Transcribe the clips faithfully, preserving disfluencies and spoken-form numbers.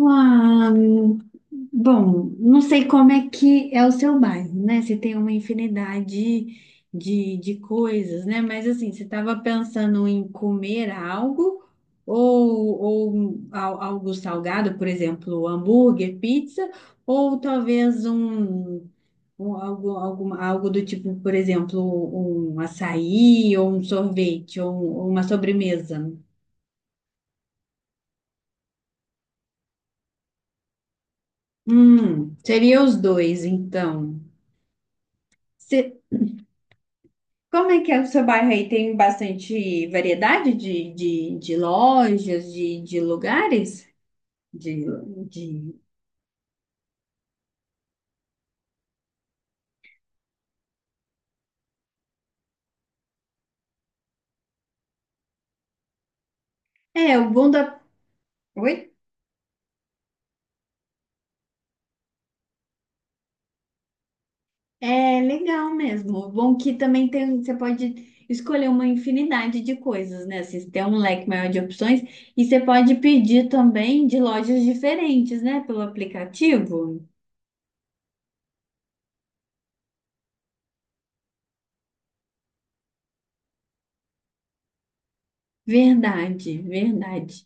Ah, bom, não sei como é que é o seu bairro, né? Você tem uma infinidade de, de coisas, né? Mas assim, você estava pensando em comer algo ou, ou al- algo salgado, por exemplo, hambúrguer, pizza, ou talvez um, um algo, alguma- algo do tipo, por exemplo, um açaí ou um sorvete ou, um- ou uma sobremesa. Hum, seria os dois, então. Como é que é o seu bairro aí? Tem bastante variedade de, de, de lojas, de, de lugares? De, de... É, o bom da... Oi? É legal mesmo. O bom que também tem, você pode escolher uma infinidade de coisas, né? Assim, você tem um leque maior de opções e você pode pedir também de lojas diferentes, né? Pelo aplicativo. Verdade, verdade.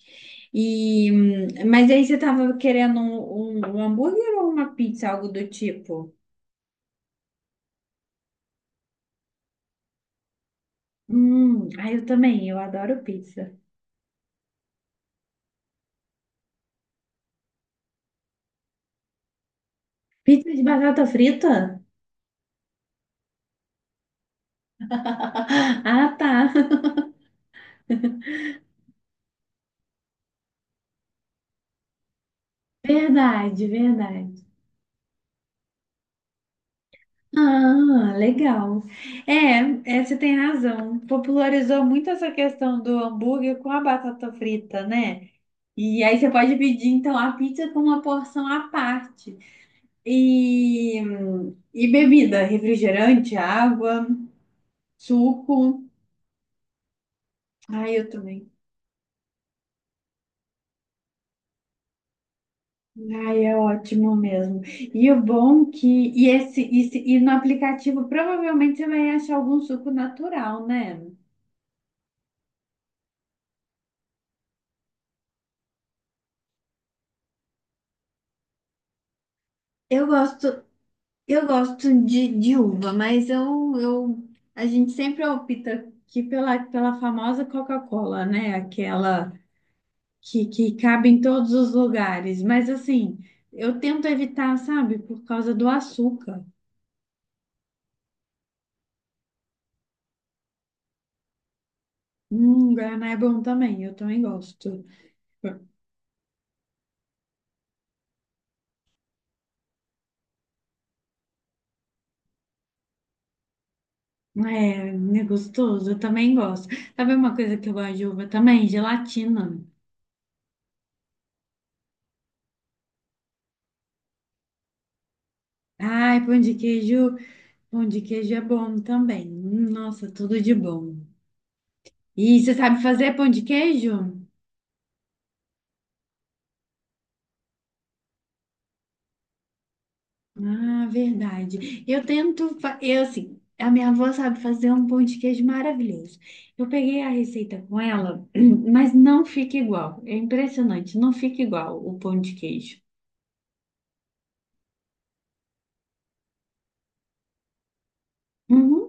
E, hum, mas aí você tava querendo um, um- um hambúrguer ou uma pizza, algo do tipo? Hum, ah, eu também, eu adoro pizza. Pizza de batata frita? Ah, tá. Verdade, verdade. Ah, legal. É, é, você tem razão. Popularizou muito essa questão do hambúrguer com a batata frita, né? E aí você pode pedir, então, a pizza com uma porção à parte. E, e bebida, refrigerante, água, suco. Ai, eu também. Ai, é ótimo mesmo. E o bom que. E, esse, e, e no aplicativo provavelmente você vai achar algum suco natural, né? Eu gosto, eu gosto de, de uva, mas eu, eu, a gente sempre opta aqui pela, pela famosa Coca-Cola, né? Aquela que, que cabe em todos os lugares. Mas assim, eu tento evitar, sabe, por causa do açúcar. Hum, Guaraná é bom também, eu também gosto. É, é gostoso, eu também gosto. Sabe uma coisa que eu gosto de uva também? Gelatina. Ai, pão de queijo, pão de queijo é bom também. Hum. Nossa, tudo de bom. E você sabe fazer pão de queijo? Ah, verdade. Eu tento, fa- eu assim, a minha avó sabe fazer um pão de queijo maravilhoso. Eu peguei a receita com ela, mas não fica igual. É impressionante, não fica igual o pão de queijo. Uhum.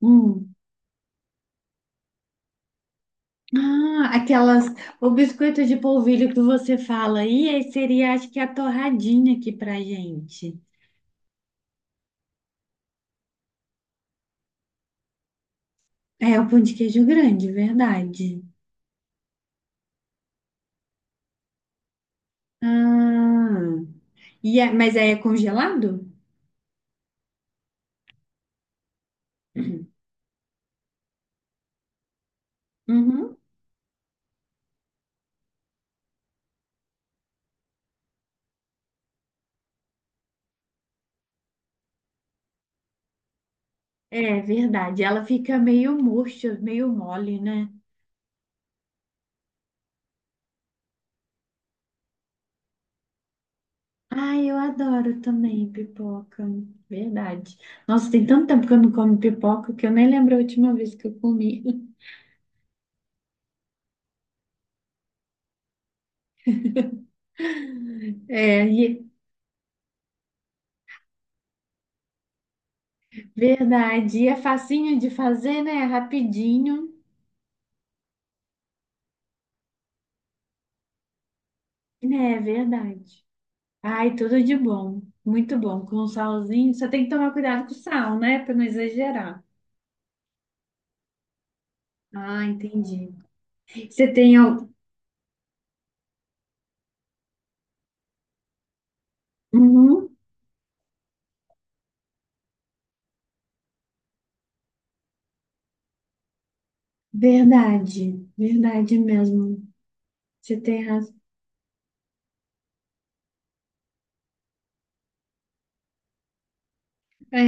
Hum. Ah, aquelas, o biscoito de polvilho que você fala aí, aí seria acho que a torradinha aqui pra gente. É o pão de queijo grande, verdade. Ah, e é- mas aí é congelado? Uhum. É verdade, ela fica meio murcha, meio mole, né? Ai, eu adoro também pipoca. Verdade. Nossa, tem tanto tempo que eu não como pipoca que eu nem lembro a última vez que eu comi. É, e- verdade. E é facinho de fazer, né? É rapidinho. Né? É verdade. Ai, tudo de bom. Muito bom. Com um salzinho. Só tem que tomar cuidado com o sal, né? Pra não exagerar. Ah, entendi. Você tem. al- Uhum, verdade. Verdade mesmo. Você tem razão. É,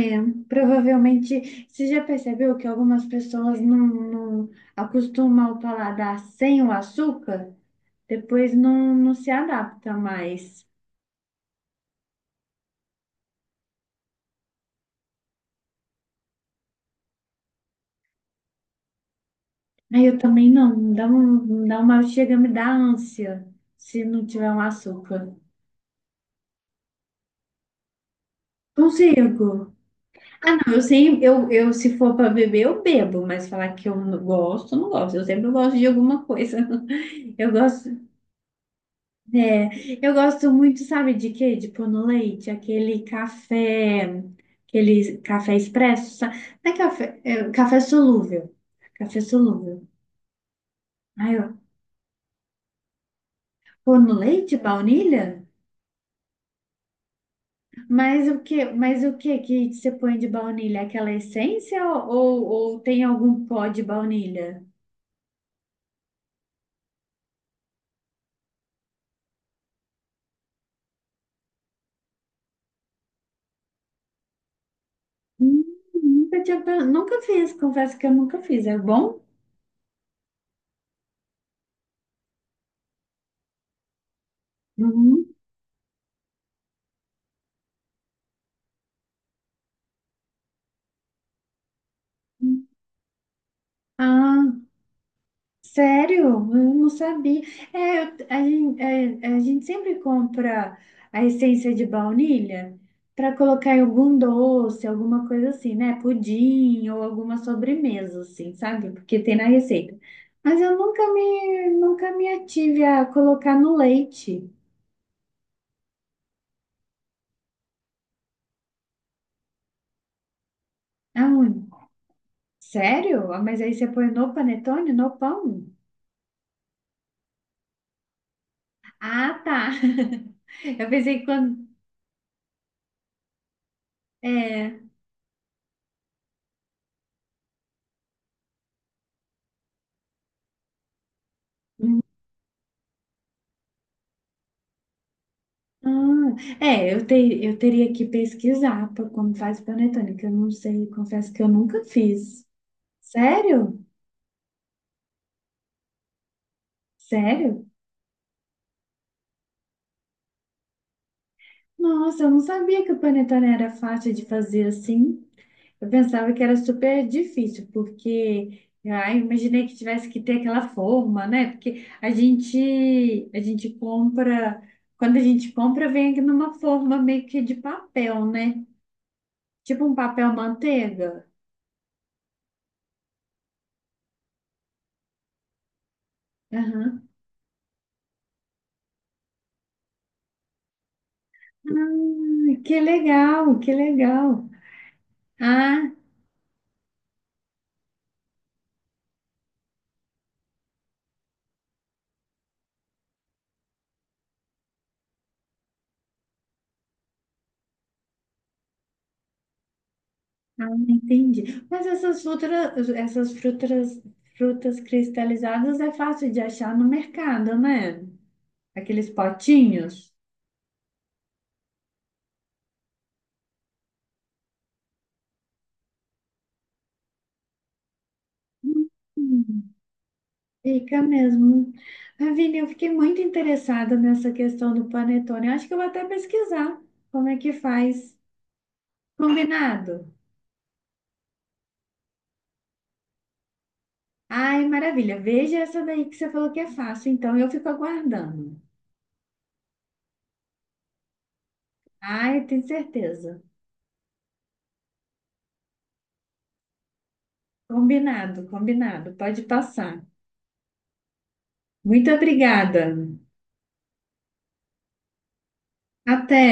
provavelmente, você já percebeu que algumas pessoas não, não acostumam o paladar sem o açúcar, depois não, não se adapta mais. Aí eu também não, me dá, um, me dá uma, chega a me dar ânsia se não tiver um açúcar. Consigo. Ah, não, eu sei, eu, eu se for para beber, eu bebo, mas falar que eu não gosto, eu não gosto. Eu sempre gosto de alguma coisa. Eu gosto. É, eu gosto muito, sabe de quê? De pôr no leite, aquele café, aquele café expresso, sa- não é café, é, café solúvel, café solúvel. Ai, eu pôr no leite, baunilha? Mas o que, mas o que que você põe de baunilha? Aquela essência ou, ou tem algum pó de baunilha? Hum. Nunca tinha, pe- nunca fiz, confesso que eu nunca fiz. É bom? Uhum. Ah, sério? Eu não sabia. É, eu- a gente, a gente sempre compra a essência de baunilha para colocar em algum doce, alguma coisa assim, né? Pudim ou alguma sobremesa, assim, sabe? Porque tem na receita. Mas eu nunca me, nunca me ative a colocar no leite. Ah, hum. Sério? Ah, mas aí você põe no panetone, no pão? Ah, tá. Eu pensei que quando. É. Ah, é, eu, ter, eu teria que pesquisar pra- como faz panetone, que eu não sei, confesso que eu nunca fiz. Sério? Sério? Nossa, eu não sabia que o panetone era fácil de fazer assim. Eu pensava que era super difícil, porque ah, eu imaginei que tivesse que ter aquela forma, né? Porque a gente, a gente compra, quando a gente compra, vem aqui numa forma meio que de papel, né? Tipo um papel manteiga. Ah, que legal, que legal. Ah, ah, entendi. Mas essas frutas, essas frutas, frutas cristalizadas é fácil de achar no mercado, né? Aqueles potinhos. Hum. Fica mesmo. Ravine, eu fiquei muito interessada nessa questão do panetone. Eu acho que eu vou até pesquisar como é que faz. Combinado? Ai, maravilha. Veja essa daí que você falou que é fácil, então eu fico aguardando. Ai, eu tenho certeza. Combinado, combinado. Pode passar. Muito obrigada. Até.